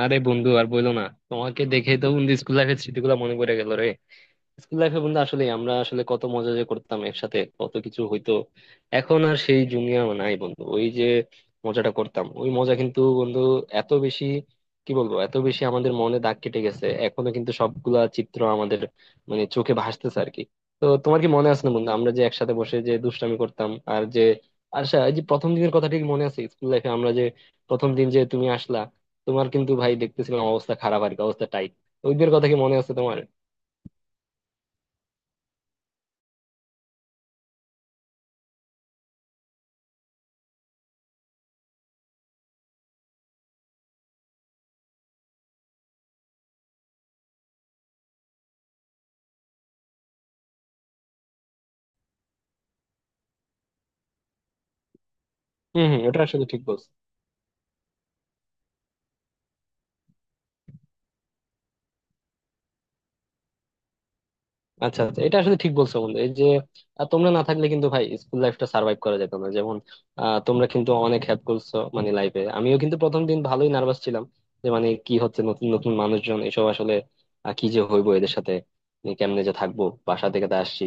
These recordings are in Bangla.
আরে বন্ধু আর বইলো না। তোমাকে দেখে তো বন্ধু স্কুল লাইফের স্মৃতিগুলো মনে পড়ে গেল রে। স্কুল লাইফে বন্ধু আসলে আমরা আসলে কত মজা যে করতাম, একসাথে কত কিছু হইতো। এখন আর সেই জুনিয়র নাই বন্ধু, ওই যে মজাটা করতাম ওই মজা কিন্তু বন্ধু এত বেশি, কি বলবো এত বেশি আমাদের মনে দাগ কেটে গেছে, এখনো কিন্তু সবগুলা চিত্র আমাদের মানে চোখে ভাসতেছে আর কি। তো তোমার কি মনে আছে না বন্ধু, আমরা যে একসাথে বসে যে দুষ্টামি করতাম আর যে আচ্ছা এই যে প্রথম দিনের কথা ঠিক মনে আছে, স্কুল লাইফে আমরা যে প্রথম দিন যে তুমি আসলা, তোমার কিন্তু ভাই দেখতেছিলাম অবস্থা খারাপ আর কি, অবস্থা টাইট। ওই দিনের কথা কি মনে আছে তোমার? হম হম, এটা আসলে ঠিক বলছো। আচ্ছা আচ্ছা, এটা আসলে ঠিক বলছো বন্ধু, এই যে তোমরা না থাকলে কিন্তু ভাই স্কুল লাইফটা সার্ভাইভ করা যেত না, যেমন তোমরা কিন্তু অনেক হেল্প করছো মানে লাইফে। আমিও কিন্তু প্রথম দিন ভালোই নার্ভাস ছিলাম, যে মানে কি হচ্ছে নতুন নতুন মানুষজন এসব আসলে কি যে হইবো এদের সাথে, মানে কেমনে যে থাকবো, বাসা থেকে তো আসছি।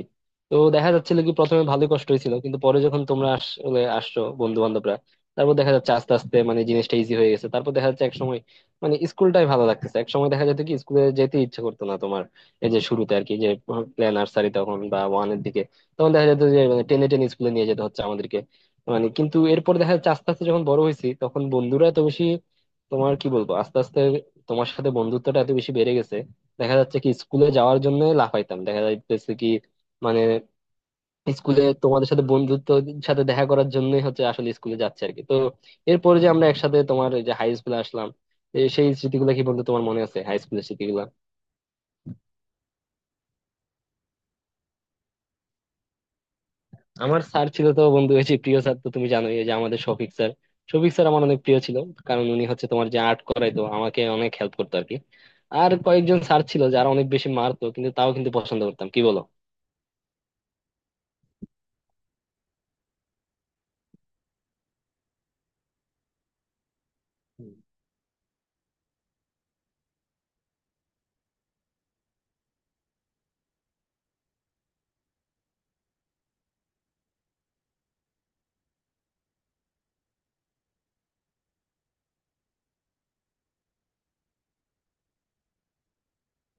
তো দেখা যাচ্ছিল কি প্রথমে ভালোই কষ্ট হয়েছিল, কিন্তু পরে যখন তোমরা আসলে আসছো বন্ধু বান্ধবরা, তারপর দেখা যাচ্ছে আস্তে আস্তে মানে জিনিসটা ইজি হয়ে গেছে। তারপর দেখা যাচ্ছে এক সময় মানে স্কুলটাই ভালো লাগতেছে। এক সময় দেখা যেত কি স্কুলে যেতে ইচ্ছে করতো না তোমার, এই যে শুরুতে আর কি, যে প্লে নার্সারি তখন বা ওয়ানের দিকে তখন দেখা যেত যে মানে টেনে টেনে স্কুলে নিয়ে যেতে হচ্ছে আমাদেরকে মানে। কিন্তু এরপর দেখা যাচ্ছে আস্তে আস্তে যখন বড় হয়েছি তখন বন্ধুরা এত বেশি, তোমার কি বলবো আস্তে আস্তে তোমার সাথে বন্ধুত্বটা এত বেশি বেড়ে গেছে, দেখা যাচ্ছে কি স্কুলে যাওয়ার জন্য লাফাইতাম, দেখা যাইতেছে কি মানে স্কুলে তোমাদের সাথে বন্ধুত্বের সাথে দেখা করার জন্যই হচ্ছে আসলে স্কুলে যাচ্ছে আর কি। তো এরপরে যে আমরা একসাথে তোমার এই যে হাই স্কুলে আসলাম, এ সেই স্মৃতিগুলো কি বন্ধু তোমার মনে আছে হাই স্কুলের স্মৃতিগুলো? আমার স্যার ছিল তো বন্ধু হচ্ছে প্রিয় স্যার, তো তুমি জানোই এই যে আমাদের শফিক স্যার। শফিক স্যার আমার অনেক প্রিয় ছিল, কারণ উনি হচ্ছে তোমার যে আর্ট করাইতো, আমাকে অনেক হেল্প করতো আর কি। আর কয়েকজন স্যার ছিল যারা অনেক বেশি মারতো কিন্তু তাও কিন্তু পছন্দ করতাম, কি বলো?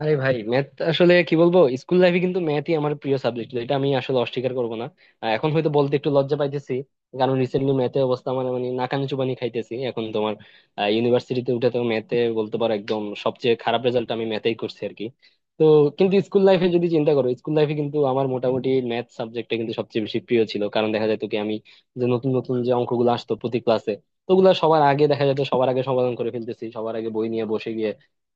আরে ভাই, ম্যাথ আসলে কি বলবো, স্কুল লাইফে কিন্তু ম্যাথই আমার প্রিয় সাবজেক্ট ছিল, এটা আমি আসলে অস্বীকার করবো না। এখন হয়তো বলতে একটু লজ্জা পাইতেছি, কারণ রিসেন্টলি ম্যাথের অবস্থা মানে মানে নাকানি চুবানি খাইতেছি এখন তোমার। ইউনিভার্সিটিতে উঠে তো ম্যাথে বলতে পারো একদম সবচেয়ে খারাপ রেজাল্ট আমি ম্যাথেই করছি আর কি। তো কিন্তু স্কুল লাইফে যদি চিন্তা করো, স্কুল লাইফে কিন্তু আমার মোটামুটি ম্যাথ সাবজেক্টটা কিন্তু সবচেয়ে বেশি প্রিয় ছিল, কারণ দেখা যেত কি আমি যে নতুন নতুন যে অঙ্কগুলো আসতো প্রতি ক্লাসে ওগুলা সবার আগে দেখা যেত সবার আগে সমাধান করে ফেলতেছি।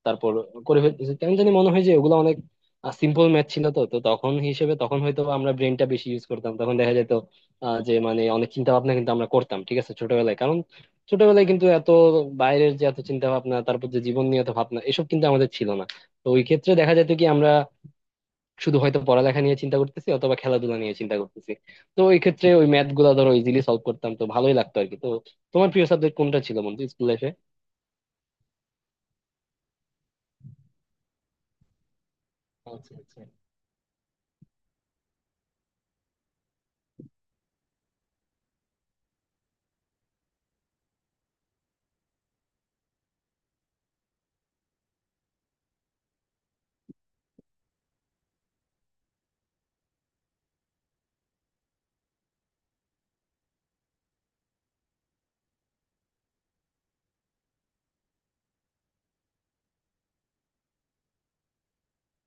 তারপর করে ফেলতেছি কেন জানি মনে হয় যে ওগুলো অনেক সিম্পল ম্যাথ ছিল, তো তো তখন হিসেবে তখন হয়তো আমরা ব্রেনটা বেশি ইউজ করতাম, তখন দেখা যেত যে মানে অনেক চিন্তা ভাবনা কিন্তু আমরা করতাম, ঠিক আছে ছোটবেলায়, কারণ ছোটবেলায় কিন্তু এত বাইরের যে এত চিন্তা ভাবনা, তারপর যে জীবন নিয়ে এত ভাবনা এসব কিন্তু আমাদের ছিল না। তো ওই ক্ষেত্রে দেখা যেত কি আমরা শুধু হয়তো পড়ালেখা নিয়ে চিন্তা করতেছি অথবা খেলাধুলা নিয়ে চিন্তা করতেছি। তো ওই ক্ষেত্রে ওই ম্যাথ গুলা ধরো ইজিলি সলভ করতাম, তো ভালোই লাগতো আর কি। তো তোমার প্রিয় সাবজেক্ট কোনটা ছিল বন্ধু স্কুল লাইফে? আচ্ছা আচ্ছা।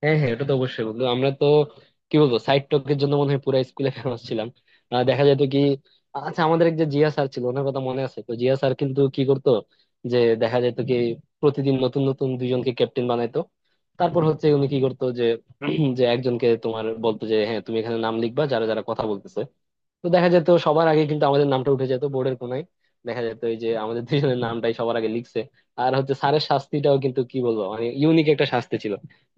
হ্যাঁ হ্যাঁ, এটা তো অবশ্যই বন্ধু, আমরা তো কি বলবো সাইড টকের জন্য মনে হয় পুরো স্কুলে ফেমাস ছিলাম। দেখা যেত কি আচ্ছা আমাদের এক যে জিয়া স্যার ছিল, ওনার কথা মনে আছে তো? জিয়া স্যার কিন্তু কি করতো যে দেখা যেত কি প্রতিদিন নতুন নতুন দুইজনকে ক্যাপ্টেন বানাইতো, তারপর হচ্ছে উনি কি করতো যে যে একজনকে তোমার বলতো যে হ্যাঁ তুমি এখানে নাম লিখবা যারা যারা কথা বলতেছে। তো দেখা যেত সবার আগে কিন্তু আমাদের নামটা উঠে যেত বোর্ডের কোনায়, দেখা যেত এই যে আমাদের দুজনের নামটাই সবার আগে লিখছে। আর হচ্ছে স্যারের শাস্তিটাও কিন্তু কি বলবো মানে ইউনিক একটা শাস্তি ছিল,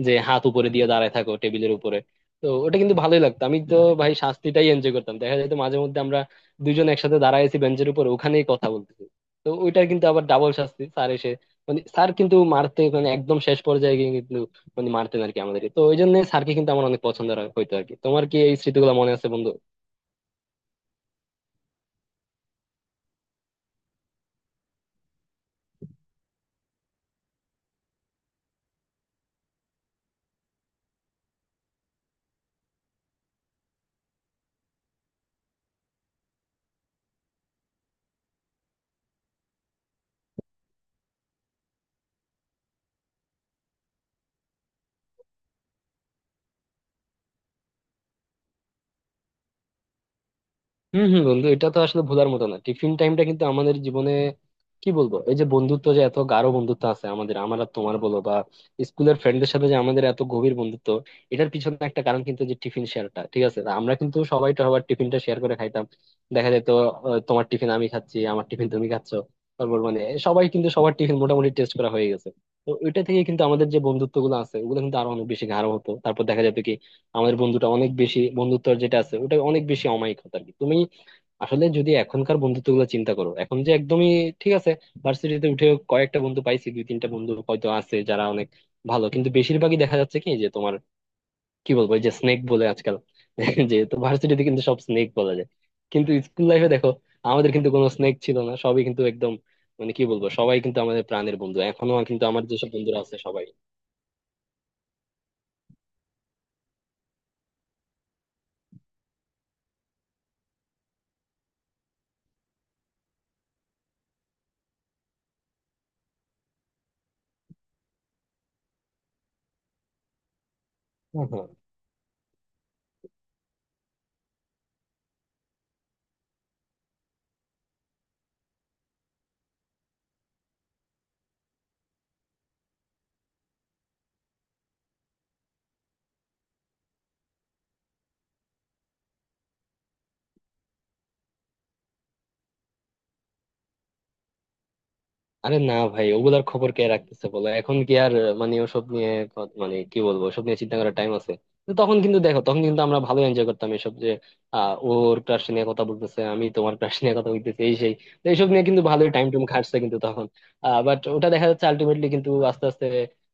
যে হাত উপরে দিয়ে দাঁড়ায় থাকো টেবিলের উপরে। তো ওটা কিন্তু ভালোই লাগতো, আমি তো ভাই শাস্তিটাই এনজয় করতাম। দেখা যেত মাঝে মধ্যে আমরা দুজন একসাথে দাঁড়ায় আছি বেঞ্চের উপর, ওখানেই কথা বলতেছি। তো ওইটার কিন্তু আবার ডাবল শাস্তি, স্যার এসে মানে স্যার কিন্তু মারতে মানে একদম শেষ পর্যায়ে গিয়ে কিন্তু মানে মারতেন আর কি আমাদেরকে, তো ওই জন্য স্যারকে কিন্তু আমার অনেক পছন্দ হইতো আর কি। তোমার কি এই স্মৃতিগুলো মনে আছে বন্ধু? হম হম বন্ধু, এটা তো আসলে ভোলার মতো না, টিফিন টাইমটা কিন্তু আমাদের জীবনে কি বলবো এই যে বন্ধুত্ব যে এত গাঢ় বন্ধুত্ব আছে আমাদের, আমার আর তোমার বলো বা স্কুলের ফ্রেন্ডদের সাথে যে আমাদের এত গভীর বন্ধুত্ব, এটার পিছনে একটা কারণ কিন্তু যে টিফিন শেয়ারটা, ঠিক আছে তা আমরা কিন্তু সবাই তো আবার টিফিনটা শেয়ার করে খাইতাম। দেখা যেত তোমার টিফিন আমি খাচ্ছি, আমার টিফিন তুমি খাচ্ছ, তারপর মানে সবাই কিন্তু সবার টিফিন মোটামুটি টেস্ট করা হয়ে গেছে। তো ওইটা থেকে কিন্তু আমাদের যে বন্ধুত্ব গুলো আছে ওগুলো কিন্তু আরো অনেক বেশি গাঢ় হতো। তারপর দেখা যেত কি আমাদের বন্ধুটা অনেক বেশি বন্ধুত্বর যেটা আছে ওটা অনেক বেশি অমায়িক হতো আর কি। তুমি আসলে যদি এখনকার বন্ধুত্ব গুলো চিন্তা করো, এখন যে একদমই ঠিক আছে, ভার্সিটিতে উঠে কয়েকটা বন্ধু পাইছি, দুই তিনটা বন্ধু হয়তো আছে যারা অনেক ভালো, কিন্তু বেশিরভাগই দেখা যাচ্ছে কি যে তোমার কি বলবো এই যে স্নেক বলে আজকাল যে তো ভার্সিটিতে কিন্তু সব স্নেক বলা যায়। কিন্তু স্কুল লাইফে দেখো আমাদের কিন্তু কোনো স্নেক ছিল না, সবই কিন্তু একদম মানে কি বলবো সবাই কিন্তু আমাদের প্রাণের বন্ধু, এখনো কিন্তু আমার যেসব বন্ধুরা আছে সবাই। আরে না ভাই, ওগুলার খবর কে রাখতেছে বলো এখন, কি আর মানে ওসব নিয়ে মানে কি বলবো ওসব নিয়ে চিন্তা করার টাইম আছে? কিন্তু তখন কিন্তু দেখো তখন কিন্তু আমরা ভালো এনজয় করতাম এসব যে ওর ক্রাশ নিয়ে কথা বলতেছে, আমি তোমার ক্রাশ নিয়ে কথা বলতেছি এই সেই, তো এইসব নিয়ে কিন্তু ভালোই টাইম টুম কাটছে কিন্তু তখন। বাট ওটা দেখা যাচ্ছে আলটিমেটলি কিন্তু আস্তে আস্তে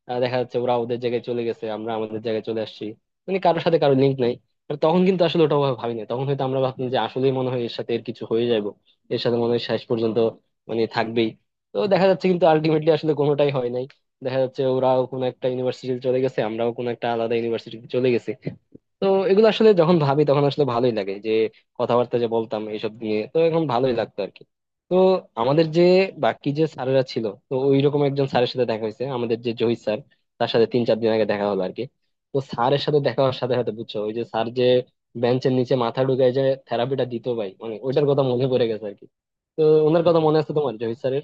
দেখা যাচ্ছে ওরা ওদের জায়গায় চলে গেছে, আমরা আমাদের জায়গায় চলে আসছি, মানে কারোর সাথে কারোর লিঙ্ক নাই। আর তখন কিন্তু আসলে ওটা ওভাবে ভাবিনি, তখন হয়তো আমরা ভাবতাম যে আসলেই মনে হয় এর সাথে এর কিছু হয়ে যাবো, এর সাথে মনে হয় শেষ পর্যন্ত মানে থাকবেই। তো দেখা যাচ্ছে কিন্তু আলটিমেটলি আসলে কোনোটাই হয় নাই, দেখা যাচ্ছে ওরাও কোনো একটা ইউনিভার্সিটিতে চলে গেছে, আমরাও কোনো একটা আলাদা ইউনিভার্সিটিতে চলে গেছি। তো এগুলো আসলে যখন ভাবি তখন আসলে ভালোই লাগে, যে কথাবার্তা যে বলতাম এইসব নিয়ে, তো এখন ভালোই লাগতো আর কি। তো আমাদের যে বাকি যে স্যারেরা ছিল তো ওইরকম একজন স্যারের সাথে দেখা হয়েছে আমাদের যে জহির স্যার, তার সাথে 3 4 দিন আগে দেখা হলো আর কি। তো স্যারের সাথে দেখা হওয়ার সাথে সাথে বুঝছো ওই যে স্যার যে বেঞ্চের নিচে মাথা ঢুকায় যে থেরাপিটা দিত ভাই, মানে ওইটার কথা মনে পড়ে গেছে আর কি। তো ওনার কথা মনে আছে তোমার জহির স্যারের?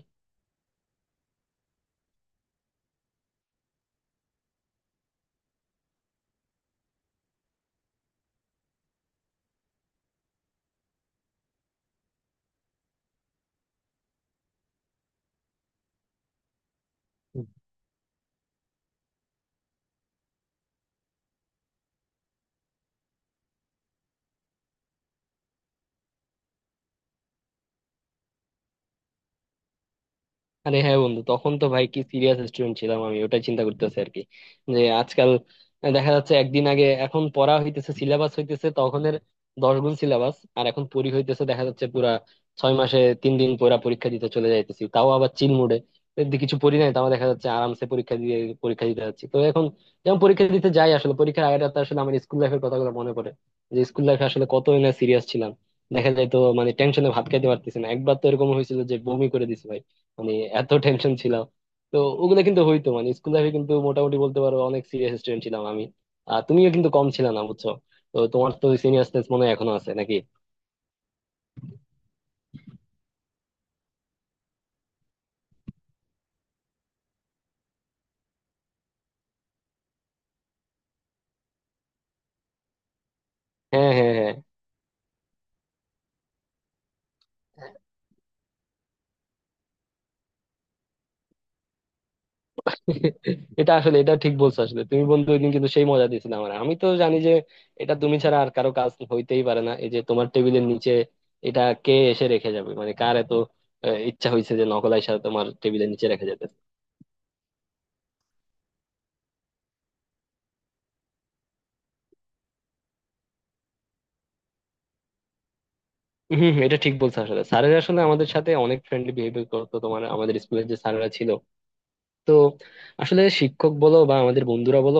আরে হ্যাঁ বন্ধু, তখন তো ভাই কি সিরিয়াস স্টুডেন্ট ছিলাম, আমি ওটাই চিন্তা করতেছি আর কি যে আজকাল দেখা যাচ্ছে একদিন আগে এখন পড়া হইতেছে সিলেবাস হইতেছে তখনের 10 গুণ সিলেবাস, আর এখন পড়ি হইতেছে দেখা যাচ্ছে পুরা 6 মাসে 3 দিন পুরা পরীক্ষা দিতে চলে যাইতেছি, তাও আবার চিল মুডে, কিছু পড়ি নাই, তাও দেখা যাচ্ছে আরামসে পরীক্ষা দিয়ে পরীক্ষা দিতে যাচ্ছি। তো এখন যেমন পরীক্ষা দিতে যাই, আসলে পরীক্ষার আগের রাতে আসলে আমার স্কুল লাইফের কথাগুলো মনে পড়ে, যে স্কুল লাইফে আসলে কত সিরিয়াস ছিলাম। দেখা যায় তো মানে টেনশনে ভাত খাইতে পারতেছি না, একবার তো এরকম হয়েছিল যে বমি করে দিছি ভাই, মানে এত টেনশন ছিলাম। তো ওগুলো কিন্তু হইতো মানে স্কুল লাইফে কিন্তু মোটামুটি বলতে পারো অনেক সিরিয়াস স্টুডেন্ট ছিলাম আমি। আর তুমিও কিন্তু কম ছিল না বুঝছো, তো তোমার তো সিনিয়াসনেস মনে হয় এখনো আছে নাকি? হ্যাঁ হ্যাঁ হ্যাঁ। এটা আসলে এটা ঠিক বলছো আসলে তুমি বন্ধু, ওইদিন কিন্তু সেই মজা দিয়েছিলে আমার, আমি তো জানি যে এটা তুমি ছাড়া আর কারো কাজ হইতেই পারে না। এই যে তোমার টেবিলের নিচে এটা কে এসে রেখে যাবে, মানে কার এত ইচ্ছা হয়েছে যে নকল এসে তোমার টেবিলের নিচে রেখে যেতে? হম হম, এটা ঠিক বলছো, আসলে স্যারেরা আসলে আমাদের সাথে অনেক ফ্রেন্ডলি বিহেভিয়ার করতো তোমার, আমাদের স্কুলের যে স্যারেরা ছিল। তো আসলে শিক্ষক বলো বা আমাদের বন্ধুরা বলো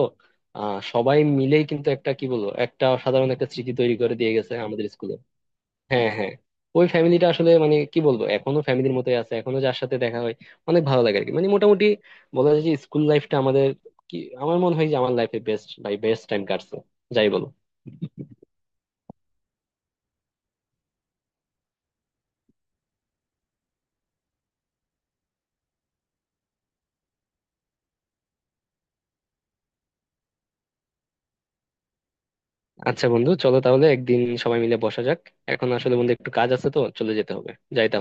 সবাই মিলেই কিন্তু একটা কি বলবো একটা সাধারণ একটা স্মৃতি তৈরি করে দিয়ে গেছে আমাদের স্কুলে। হ্যাঁ হ্যাঁ। ওই ফ্যামিলিটা আসলে মানে কি বলবো এখনো ফ্যামিলির মতোই আছে, এখনো যার সাথে দেখা হয় অনেক ভালো লাগে আর কি। মানে মোটামুটি বলা যায় যে স্কুল লাইফটা আমাদের কি আমার মনে হয় যে আমার লাইফে বেস্ট, ভাই বেস্ট টাইম কাটছে, যাই বলো। আচ্ছা বন্ধু, চলো তাহলে একদিন সবাই মিলে বসা যাক। এখন আসলে বন্ধু একটু কাজ আছে, তো চলে যেতে হবে, যাই তাহলে।